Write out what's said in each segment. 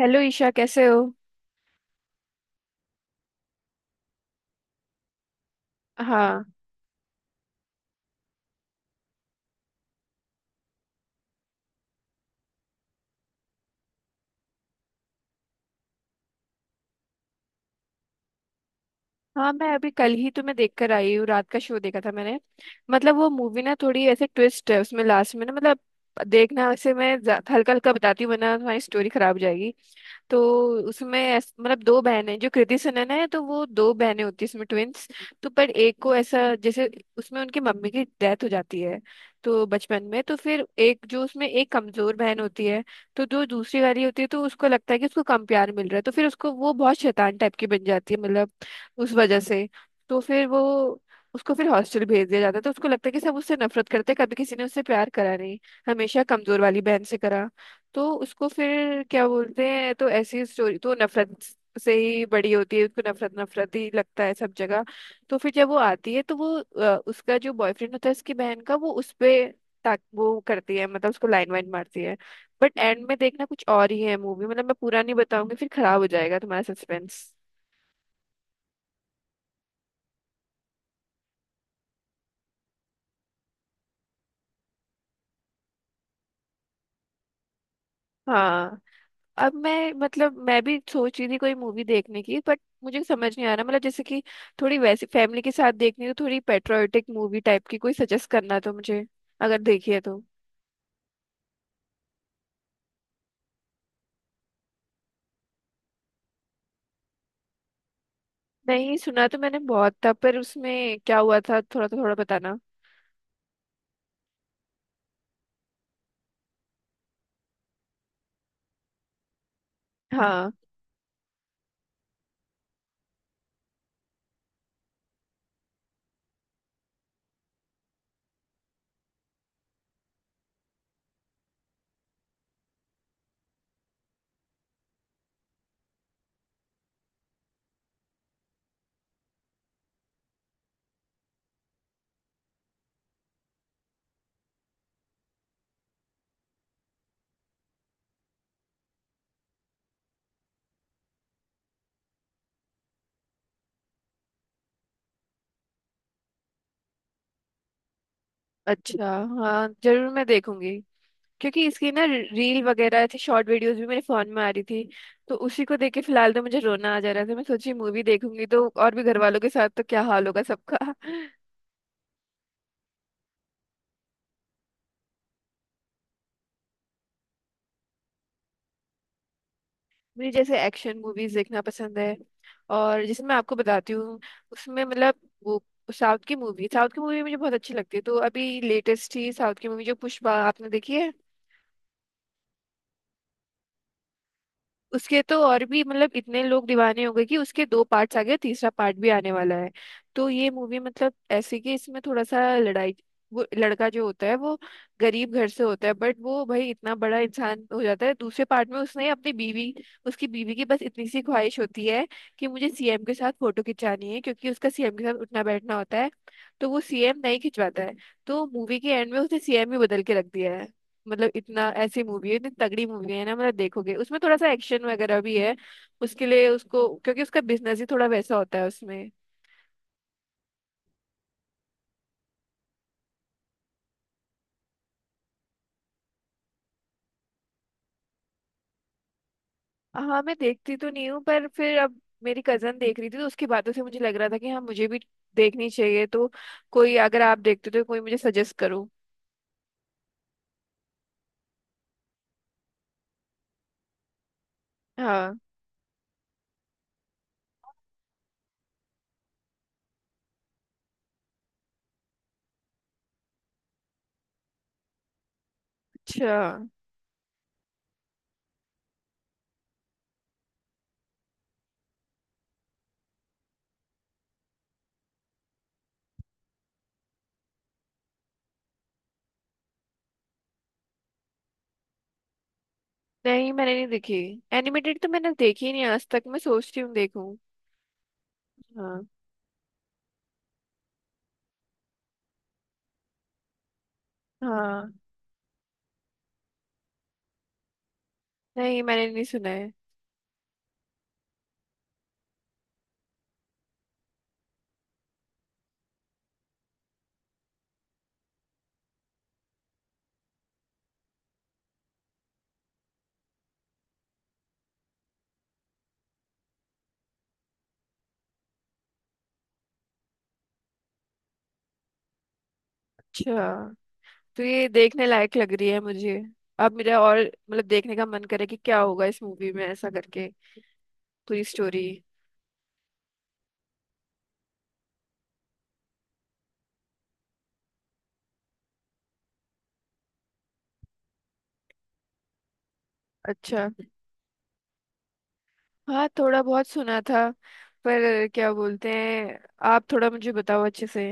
Hello Isha, कैसे हो? हाँ, हाँ। मैं अभी कल ही तुम्हें देखकर आई हूँ, रात का शो देखा था मैंने। मतलब वो मूवी ना थोड़ी ऐसे ट्विस्ट है उसमें लास्ट में ना, मतलब देखना। वैसे मैं हल्का हल्का बताती हूँ वरना तुम्हारी स्टोरी खराब हो जाएगी। तो उसमें मतलब दो बहनें, जो कृति सनन है, तो वो दो बहनें होती है इसमें, ट्विंस। तो पर एक को ऐसा जैसे, उसमें उनकी मम्मी की डेथ हो जाती है तो बचपन में। तो फिर एक जो उसमें एक कमजोर बहन होती है, तो जो दूसरी वाली होती है, तो उसको लगता है कि उसको कम प्यार मिल रहा है, तो फिर उसको वो बहुत शैतान टाइप की बन जाती है, मतलब उस वजह से। तो फिर वो, उसको फिर हॉस्टल भेज दिया जाता है, तो उसको लगता है कि सब उससे नफरत करते हैं, कभी किसी ने उससे प्यार करा नहीं, हमेशा कमजोर वाली बहन से करा। तो उसको फिर क्या बोलते हैं, तो ऐसी स्टोरी, तो नफरत से ही बड़ी होती है, उसको नफरत नफरत ही लगता है सब जगह। तो फिर जब वो आती है, तो वो उसका जो बॉयफ्रेंड होता है उसकी बहन का, वो उस पे ताक वो करती है, मतलब उसको लाइन वाइन मारती है। बट एंड में देखना कुछ और ही है मूवी, मतलब मैं पूरा नहीं बताऊंगी फिर खराब हो जाएगा तुम्हारा सस्पेंस। हाँ। अब मैं, मतलब मैं भी सोच रही थी कोई मूवी देखने की, बट मुझे समझ नहीं आ रहा, मतलब जैसे कि थोड़ी वैसी फैमिली के साथ देखनी, तो थोड़ी पेट्रियोटिक मूवी टाइप की कोई सजेस्ट करना तो मुझे, अगर देखिए तो। नहीं, सुना तो मैंने बहुत था, पर उसमें क्या हुआ था थोड़ा, तो थोड़ा बताना। हाँ, अच्छा। हाँ जरूर, मैं देखूंगी। क्योंकि इसकी ना रील वगैरह थी, शॉर्ट वीडियोस भी मेरे फोन में आ रही थी। तो उसी को देख के फिलहाल तो मुझे रोना आ जा रहा था, मैं सोची मूवी देखूंगी तो और भी घर वालों के साथ तो क्या हाल होगा सबका। मुझे जैसे एक्शन मूवीज देखना पसंद है, और जैसे मैं आपको बताती हूँ उसमें, मतलब वो साउथ की मूवी, साउथ की मूवी मुझे बहुत अच्छी लगती है। तो अभी लेटेस्ट ही साउथ की मूवी, जो पुष्पा, आपने देखी है? उसके तो और भी, मतलब इतने लोग दीवाने हो गए कि उसके दो पार्ट्स आ गए, तीसरा पार्ट भी आने वाला है। तो ये मूवी, मतलब ऐसे कि इसमें थोड़ा सा लड़ाई, वो लड़का जो होता है वो गरीब घर से होता है, बट वो भाई इतना बड़ा इंसान हो जाता है दूसरे पार्ट में। उसने अपनी बीवी, उसकी बीवी की बस इतनी सी ख्वाहिश होती है कि मुझे सीएम के साथ फोटो खिंचानी है, क्योंकि उसका सीएम के साथ उठना बैठना होता है। तो वो सीएम नहीं खिंचवाता है, तो मूवी के एंड में उसने सीएम ही बदल के रख दिया है। मतलब इतना, ऐसी मूवी है, इतनी तगड़ी मूवी है ना, मतलब देखोगे। उसमें थोड़ा सा एक्शन वगैरह भी है, उसके लिए उसको, क्योंकि उसका बिजनेस ही थोड़ा वैसा होता है उसमें। हाँ, मैं देखती तो नहीं हूँ, पर फिर अब मेरी कजन देख रही थी, तो उसकी बातों से मुझे लग रहा था कि हाँ, मुझे भी देखनी चाहिए। तो कोई अगर आप देखते हो तो कोई मुझे सजेस्ट करो। हाँ, अच्छा। नहीं, मैंने नहीं देखी, एनिमेटेड तो मैंने देखी ही नहीं आज तक, मैं सोचती हूँ देखूँ। हाँ। हाँ, नहीं मैंने नहीं सुना है। अच्छा, तो ये देखने लायक लग रही है मुझे। अब मेरा और मतलब देखने का मन करे कि क्या होगा इस मूवी में, ऐसा करके पूरी स्टोरी। अच्छा, हाँ थोड़ा बहुत सुना था, पर क्या बोलते हैं, आप थोड़ा मुझे बताओ अच्छे से।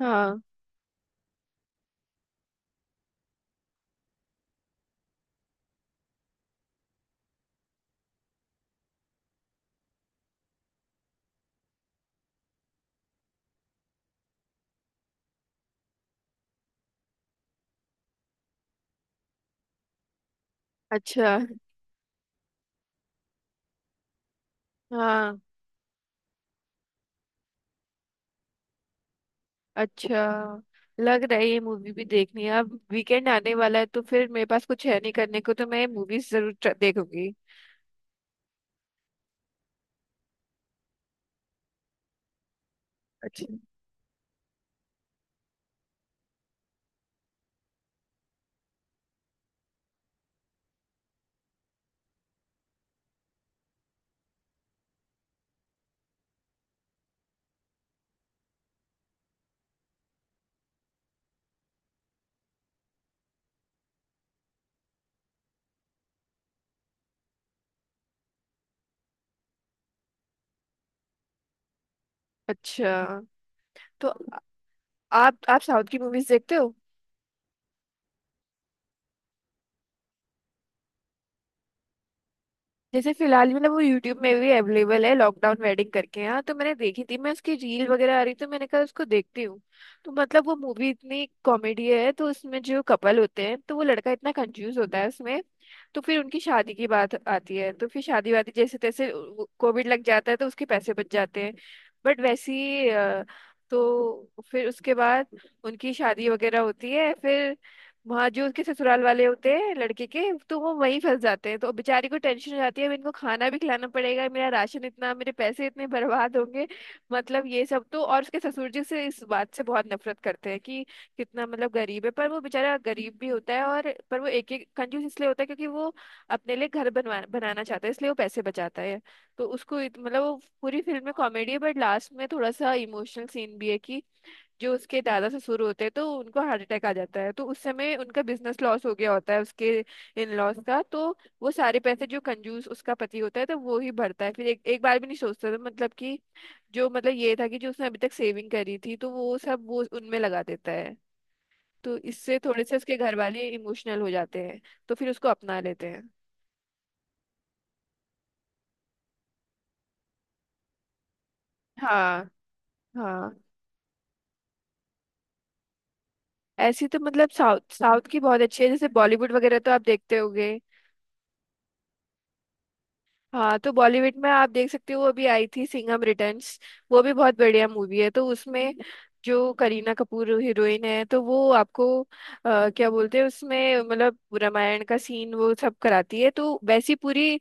हाँ, अच्छा, हाँ, अच्छा लग रहा है, ये मूवी भी देखनी है। अब वीकेंड आने वाला है, तो फिर मेरे पास कुछ है नहीं करने को, तो मैं मूवीज जरूर देखूंगी। अच्छा, अच्छा। तो आप साउथ की मूवीज देखते हो? जैसे फिलहाल, मतलब वो यूट्यूब में भी अवेलेबल है, लॉकडाउन वेडिंग करके, यहाँ तो मैंने देखी थी, मैं उसकी रील वगैरह आ रही तो मैंने कहा उसको देखती हूँ। तो मतलब वो मूवी इतनी कॉमेडी है, तो उसमें जो कपल होते हैं, तो वो लड़का इतना कंफ्यूज होता है उसमें। तो फिर उनकी शादी की बात आती है, तो फिर शादी वादी जैसे तैसे, कोविड लग जाता है, तो उसके पैसे बच जाते हैं, बट वैसी तो फिर उसके बाद उनकी शादी वगैरह होती है, फिर वहाँ जो उसके ससुराल वाले होते हैं लड़के के, तो वो वहीं फंस जाते हैं, तो बेचारी को टेंशन हो जाती है, अब इनको खाना भी खिलाना पड़ेगा, मेरा राशन इतना, मेरे पैसे इतने बर्बाद होंगे, मतलब ये सब। तो और उसके ससुर जी से इस बात से बहुत नफरत करते हैं कि कितना, मतलब गरीब है, पर वो बेचारा गरीब भी होता है, और पर वो एक एक कंजूस इसलिए होता है क्योंकि वो अपने लिए घर बनवा बनाना चाहता है, इसलिए वो पैसे बचाता है। तो उसको मतलब वो पूरी फिल्म में कॉमेडी है, बट लास्ट में थोड़ा सा इमोशनल सीन भी है कि जो उसके दादा से शुरू होते हैं, तो उनको हार्ट अटैक आ जाता है, तो उस समय उनका बिजनेस लॉस हो गया होता है, उसके इन लॉस का, तो वो सारे पैसे जो कंजूस उसका पति होता है, तो वो ही भरता है, फिर एक एक बार भी नहीं सोचता था, मतलब कि जो, मतलब ये था कि जो उसने अभी तक सेविंग करी थी, तो वो सब वो उनमें लगा देता है। तो इससे थोड़े से उसके घर वाले इमोशनल हो जाते हैं, तो फिर उसको अपना लेते हैं। हाँ, हाँ। ऐसी तो, मतलब साउथ साउथ की बहुत अच्छी है, जैसे बॉलीवुड वगैरह तो आप देखते होगे। हाँ, तो बॉलीवुड में आप देख सकते हो, अभी आई थी सिंघम रिटर्न्स, वो भी बहुत बढ़िया मूवी है। तो उसमें जो करीना कपूर हीरोइन है, तो वो आपको, क्या बोलते हैं, उसमें मतलब रामायण का सीन वो सब कराती है, तो वैसी पूरी,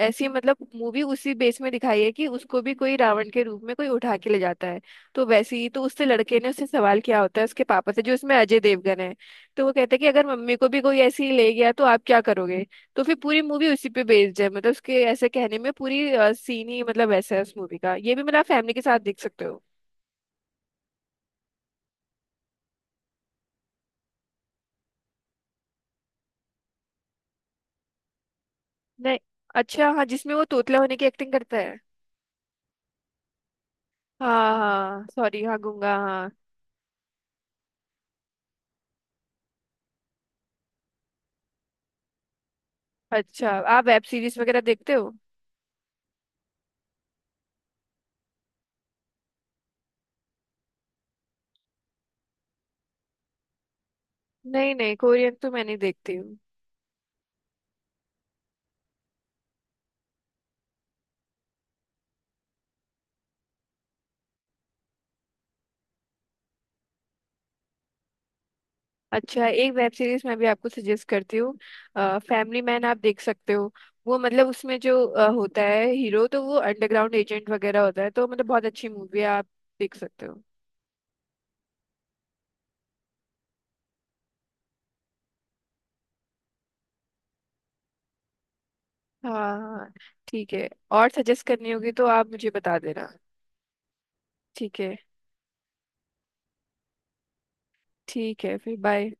ऐसी मतलब मूवी उसी बेस में दिखाई है कि उसको भी कोई रावण के रूप में कोई उठा के ले जाता है। तो वैसे ही, तो उससे लड़के ने उससे सवाल किया होता है उसके पापा से, जो इसमें अजय देवगन है, तो वो कहते हैं कि अगर मम्मी को भी कोई ऐसे ही ले गया तो आप क्या करोगे। तो फिर पूरी मूवी उसी पे बेस्ड है, मतलब उसके ऐसे कहने में पूरी सीन ही, मतलब ऐसा है उस मूवी का, ये भी मतलब आप फैमिली के साथ देख सकते हो। नहीं। अच्छा हाँ, जिसमें वो तोतला होने की एक्टिंग करता है। हाँ, हाँ, सॉरी, हाँ गूंगा, हाँ। अच्छा, आप वेब सीरीज वगैरह देखते हो? नहीं, नहीं, कोरियन तो मैं नहीं देखती हूँ। अच्छा, एक वेब सीरीज मैं भी आपको सजेस्ट करती हूँ, फैमिली मैन, आप देख सकते हो। वो, मतलब उसमें जो होता है हीरो, तो वो अंडरग्राउंड एजेंट वगैरह होता है, तो मतलब बहुत अच्छी मूवी है, आप देख सकते हो। हाँ, हाँ। ठीक है, और सजेस्ट करनी होगी तो आप मुझे बता देना। ठीक है। ठीक है, फिर बाय।